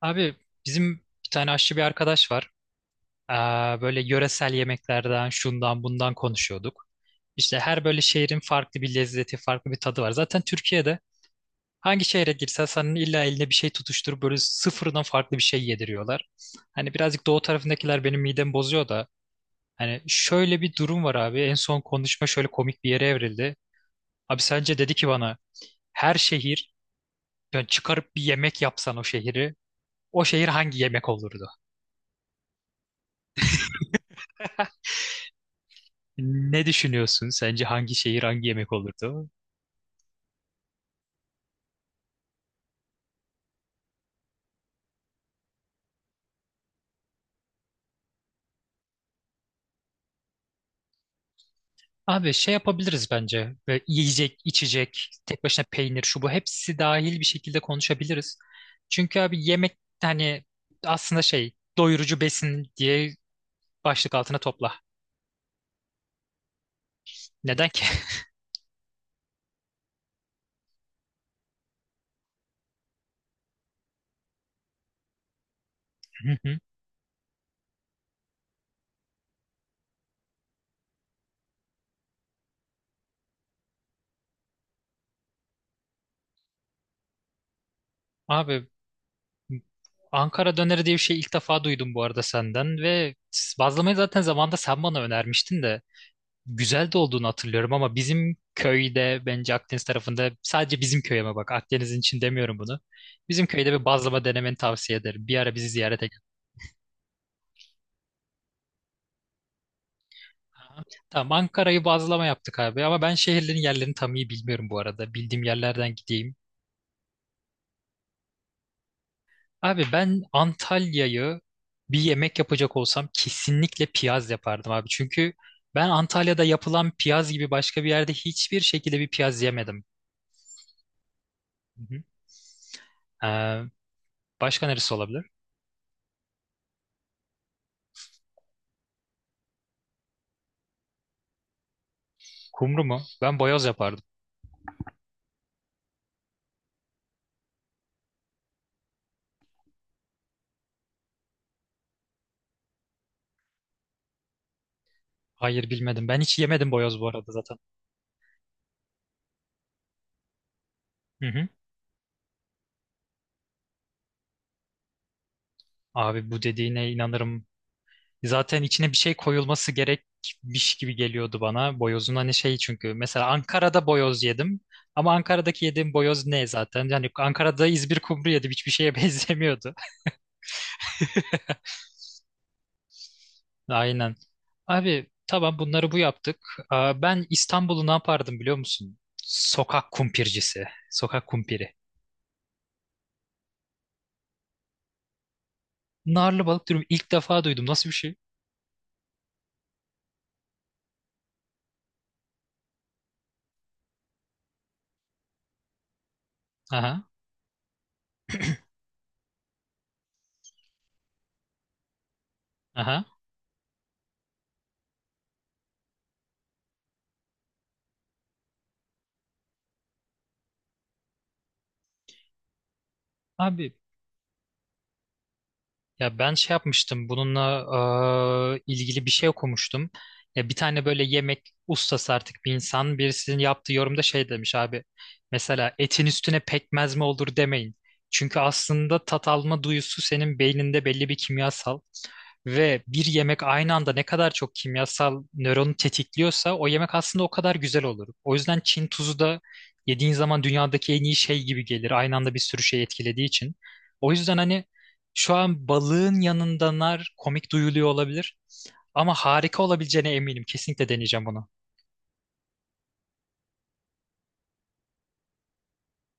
Abi bizim bir tane aşçı bir arkadaş var. Böyle yöresel yemeklerden şundan bundan konuşuyorduk. İşte her böyle şehrin farklı bir lezzeti, farklı bir tadı var. Zaten Türkiye'de hangi şehre girsen senin illa eline bir şey tutuşturup böyle sıfırdan farklı bir şey yediriyorlar. Hani birazcık doğu tarafındakiler benim midemi bozuyor da. Hani şöyle bir durum var abi. En son konuşma şöyle komik bir yere evrildi. Abi sence dedi ki bana her şehir yani çıkarıp bir yemek yapsan o şehir hangi yemek olurdu? Ne düşünüyorsun? Sence hangi şehir hangi yemek olurdu? Abi şey yapabiliriz bence. Ve yiyecek, içecek, tek başına peynir, şu bu hepsi dahil bir şekilde konuşabiliriz. Çünkü abi yemek hani aslında şey doyurucu besin diye başlık altına topla. Neden ki? Hı hı. Abi Ankara döneri diye bir şey ilk defa duydum bu arada senden ve bazlamayı zaten zamanında sen bana önermiştin de. Güzel de olduğunu hatırlıyorum ama bizim köyde bence Akdeniz tarafında sadece bizim köy ama bak Akdeniz'in için demiyorum bunu. Bizim köyde bir bazlama denemeni tavsiye ederim. Bir ara bizi ziyarete gel. Aha. Tamam Ankara'yı bazlama yaptık abi ama ben şehirlerin yerlerini tam iyi bilmiyorum bu arada. Bildiğim yerlerden gideyim. Abi ben Antalya'yı bir yemek yapacak olsam kesinlikle piyaz yapardım abi. Çünkü ben Antalya'da yapılan piyaz gibi başka bir yerde hiçbir şekilde bir piyaz yemedim. Hı hı. Ee, Başka neresi olabilir? Kumru mu? Ben boyoz yapardım. Hayır bilmedim. Ben hiç yemedim boyoz bu arada zaten. Hı hı. Abi bu dediğine inanırım. Zaten içine bir şey koyulması gerekmiş gibi geliyordu bana. Boyozun hani şey çünkü. Mesela Ankara'da boyoz yedim. Ama Ankara'daki yediğim boyoz ne zaten? Yani Ankara'da İzmir kumru yedim. Hiçbir şeye benzemiyordu. Aynen. Abi tamam bunları bu yaptık. Ben İstanbul'u ne yapardım biliyor musun? Sokak kumpircisi. Sokak kumpiri. Narlı balık dürüm ilk defa duydum. Nasıl bir şey? Aha. Aha. Abi ya ben şey yapmıştım bununla ilgili bir şey okumuştum. Ya bir tane böyle yemek ustası artık bir insan birisinin yaptığı yorumda şey demiş abi. Mesela etin üstüne pekmez mi olur demeyin. Çünkü aslında tat alma duyusu senin beyninde belli bir kimyasal ve bir yemek aynı anda ne kadar çok kimyasal nöronu tetikliyorsa o yemek aslında o kadar güzel olur. O yüzden Çin tuzu da yediğin zaman dünyadaki en iyi şey gibi gelir. Aynı anda bir sürü şey etkilediği için. O yüzden hani şu an balığın yanında nar komik duyuluyor olabilir. Ama harika olabileceğine eminim. Kesinlikle deneyeceğim bunu.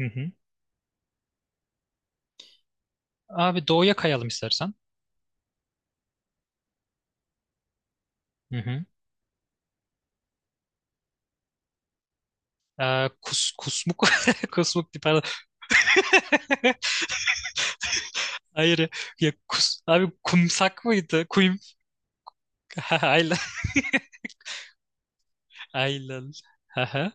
Hı hı. Abi doğuya kayalım istersen. Hı hı. Kusmuk. Kusmuk değil, pardon. Hayır. Ya, abi kumsak mıydı? Kuyum. Ayla. Ayla. Aha.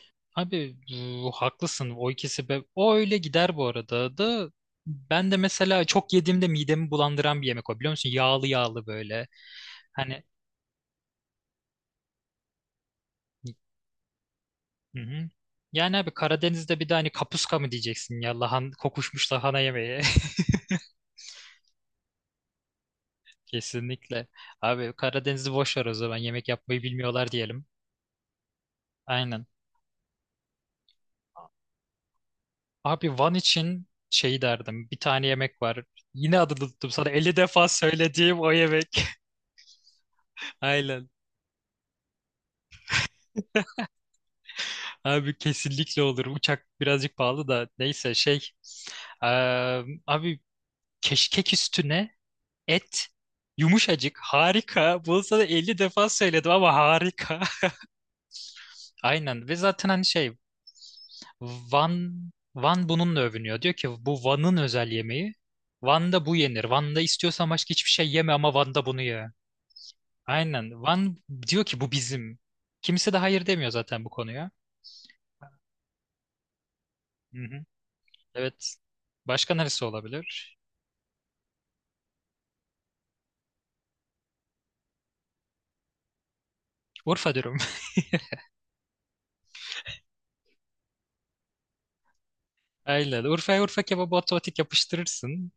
Abi bu, haklısın. O ikisi be. O öyle gider bu arada da. Ben de mesela çok yediğimde midemi bulandıran bir yemek o biliyor musun? Yağlı yağlı böyle. Hani. Hı hı. Yani abi Karadeniz'de bir de hani kapuska mı diyeceksin ya kokuşmuş lahana yemeği. Kesinlikle. Abi Karadeniz'i boş ver o zaman yemek yapmayı bilmiyorlar diyelim. Aynen. Abi Van için şey derdim bir tane yemek var. Yine adını tuttum sana 50 defa söylediğim o yemek. Aynen. Abi kesinlikle olur. Uçak birazcık pahalı da neyse şey. Abi keşkek üstüne et yumuşacık harika. Bunu sana 50 defa söyledim ama harika. Aynen ve zaten hani şey Van Van bununla övünüyor. Diyor ki bu Van'ın özel yemeği. Van'da bu yenir. Van'da istiyorsan başka hiçbir şey yeme ama Van'da bunu ye. Aynen. Van diyor ki bu bizim. Kimse de hayır demiyor zaten bu konuya. Hı hı. Evet. Başka neresi olabilir? Urfa dürüm. Aynen. Urfa'ya Urfa kebabı otomatik yapıştırırsın.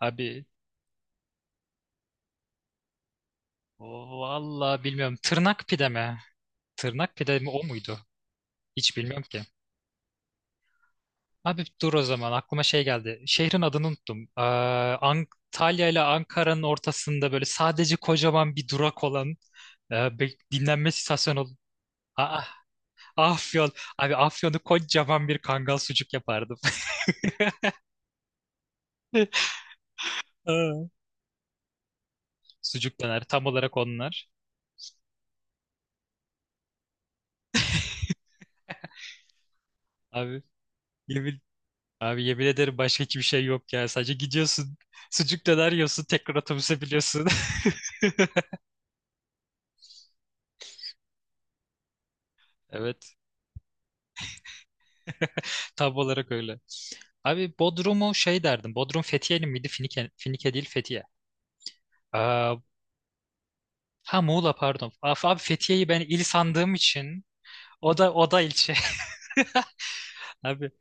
Abi vallahi bilmiyorum. Tırnak pide mi? Tırnak pide mi o muydu? Hiç bilmiyorum ki. Abi dur o zaman aklıma şey geldi. Şehrin adını unuttum. Antalya ile Ankara'nın ortasında böyle sadece kocaman bir durak olan bir dinlenme istasyonu. Aa, Afyon. Abi Afyon'u kocaman bir kangal sucuk yapardım. Aa, Sucuk döner. Tam olarak onlar. Abi yemin, abi yemin ederim başka hiçbir şey yok ya. Sadece gidiyorsun. Sucuk döner yiyorsun. Tekrar otobüse biliyorsun. Evet. Tam olarak öyle. Abi Bodrum'u şey derdim. Bodrum Fethiye'li miydi? Finike, Finike değil Fethiye. Aa, ha, Muğla pardon. Abi Fethiye'yi ben il sandığım için o da ilçe. Abi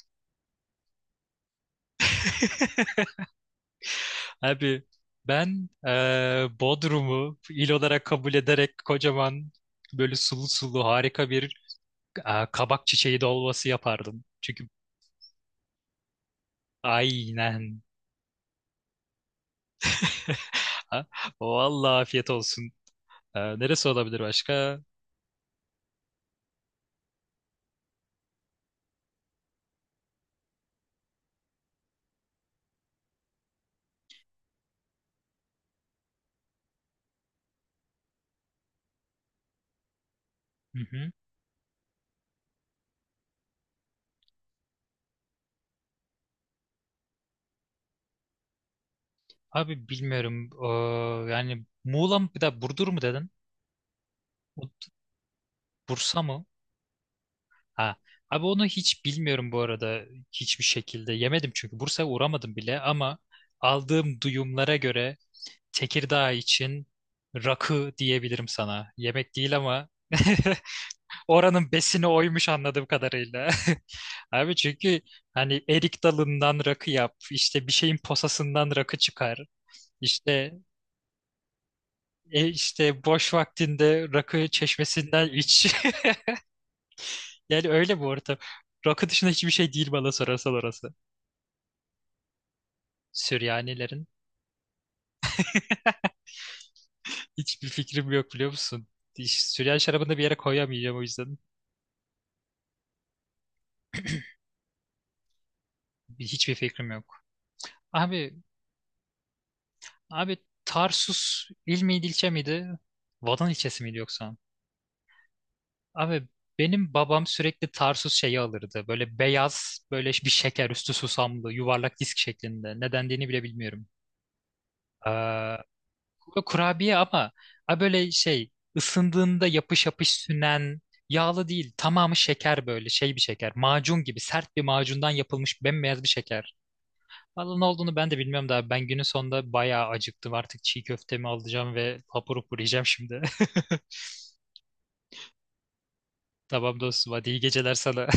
abi ben Bodrum'u il olarak kabul ederek kocaman böyle sulu sulu harika bir kabak çiçeği dolması yapardım. Çünkü aynen. Ha, vallahi afiyet olsun. Neresi olabilir başka? Hı hı. Abi bilmiyorum. Yani Muğla mı bir de Burdur mu dedin? Bursa mı? Ha. Abi onu hiç bilmiyorum bu arada hiçbir şekilde. Yemedim çünkü Bursa'ya uğramadım bile ama aldığım duyumlara göre Tekirdağ için rakı diyebilirim sana. Yemek değil ama. Oranın besini oymuş anladığım kadarıyla. Abi çünkü hani erik dalından rakı yap, işte bir şeyin posasından rakı çıkar. İşte işte boş vaktinde rakı çeşmesinden iç. Yani öyle bu ortam. Rakı dışında hiçbir şey değil bana sorarsan orası. Süryanilerin. Hiçbir fikrim yok biliyor musun? Süryani şarabını da bir yere koyamayacağım o yüzden. Hiçbir fikrim yok. Abi, abi Tarsus il miydi ilçe miydi? Vatan ilçesi miydi yoksa? Abi benim babam sürekli Tarsus şeyi alırdı. Böyle beyaz, böyle bir şeker üstü susamlı, yuvarlak disk şeklinde. Ne dendiğini bile bilmiyorum. Ee, Kurabiye ama ha böyle şey ısındığında yapış yapış sünen, yağlı değil. Tamamı şeker böyle şey bir şeker. Macun gibi sert bir macundan yapılmış bembeyaz bir şeker. Vallahi ne olduğunu ben de bilmiyorum da ben günün sonunda bayağı acıktım. Artık çiğ köftemi alacağım ve hapur hapur yiyeceğim şimdi. Tamam dostum hadi iyi geceler sana.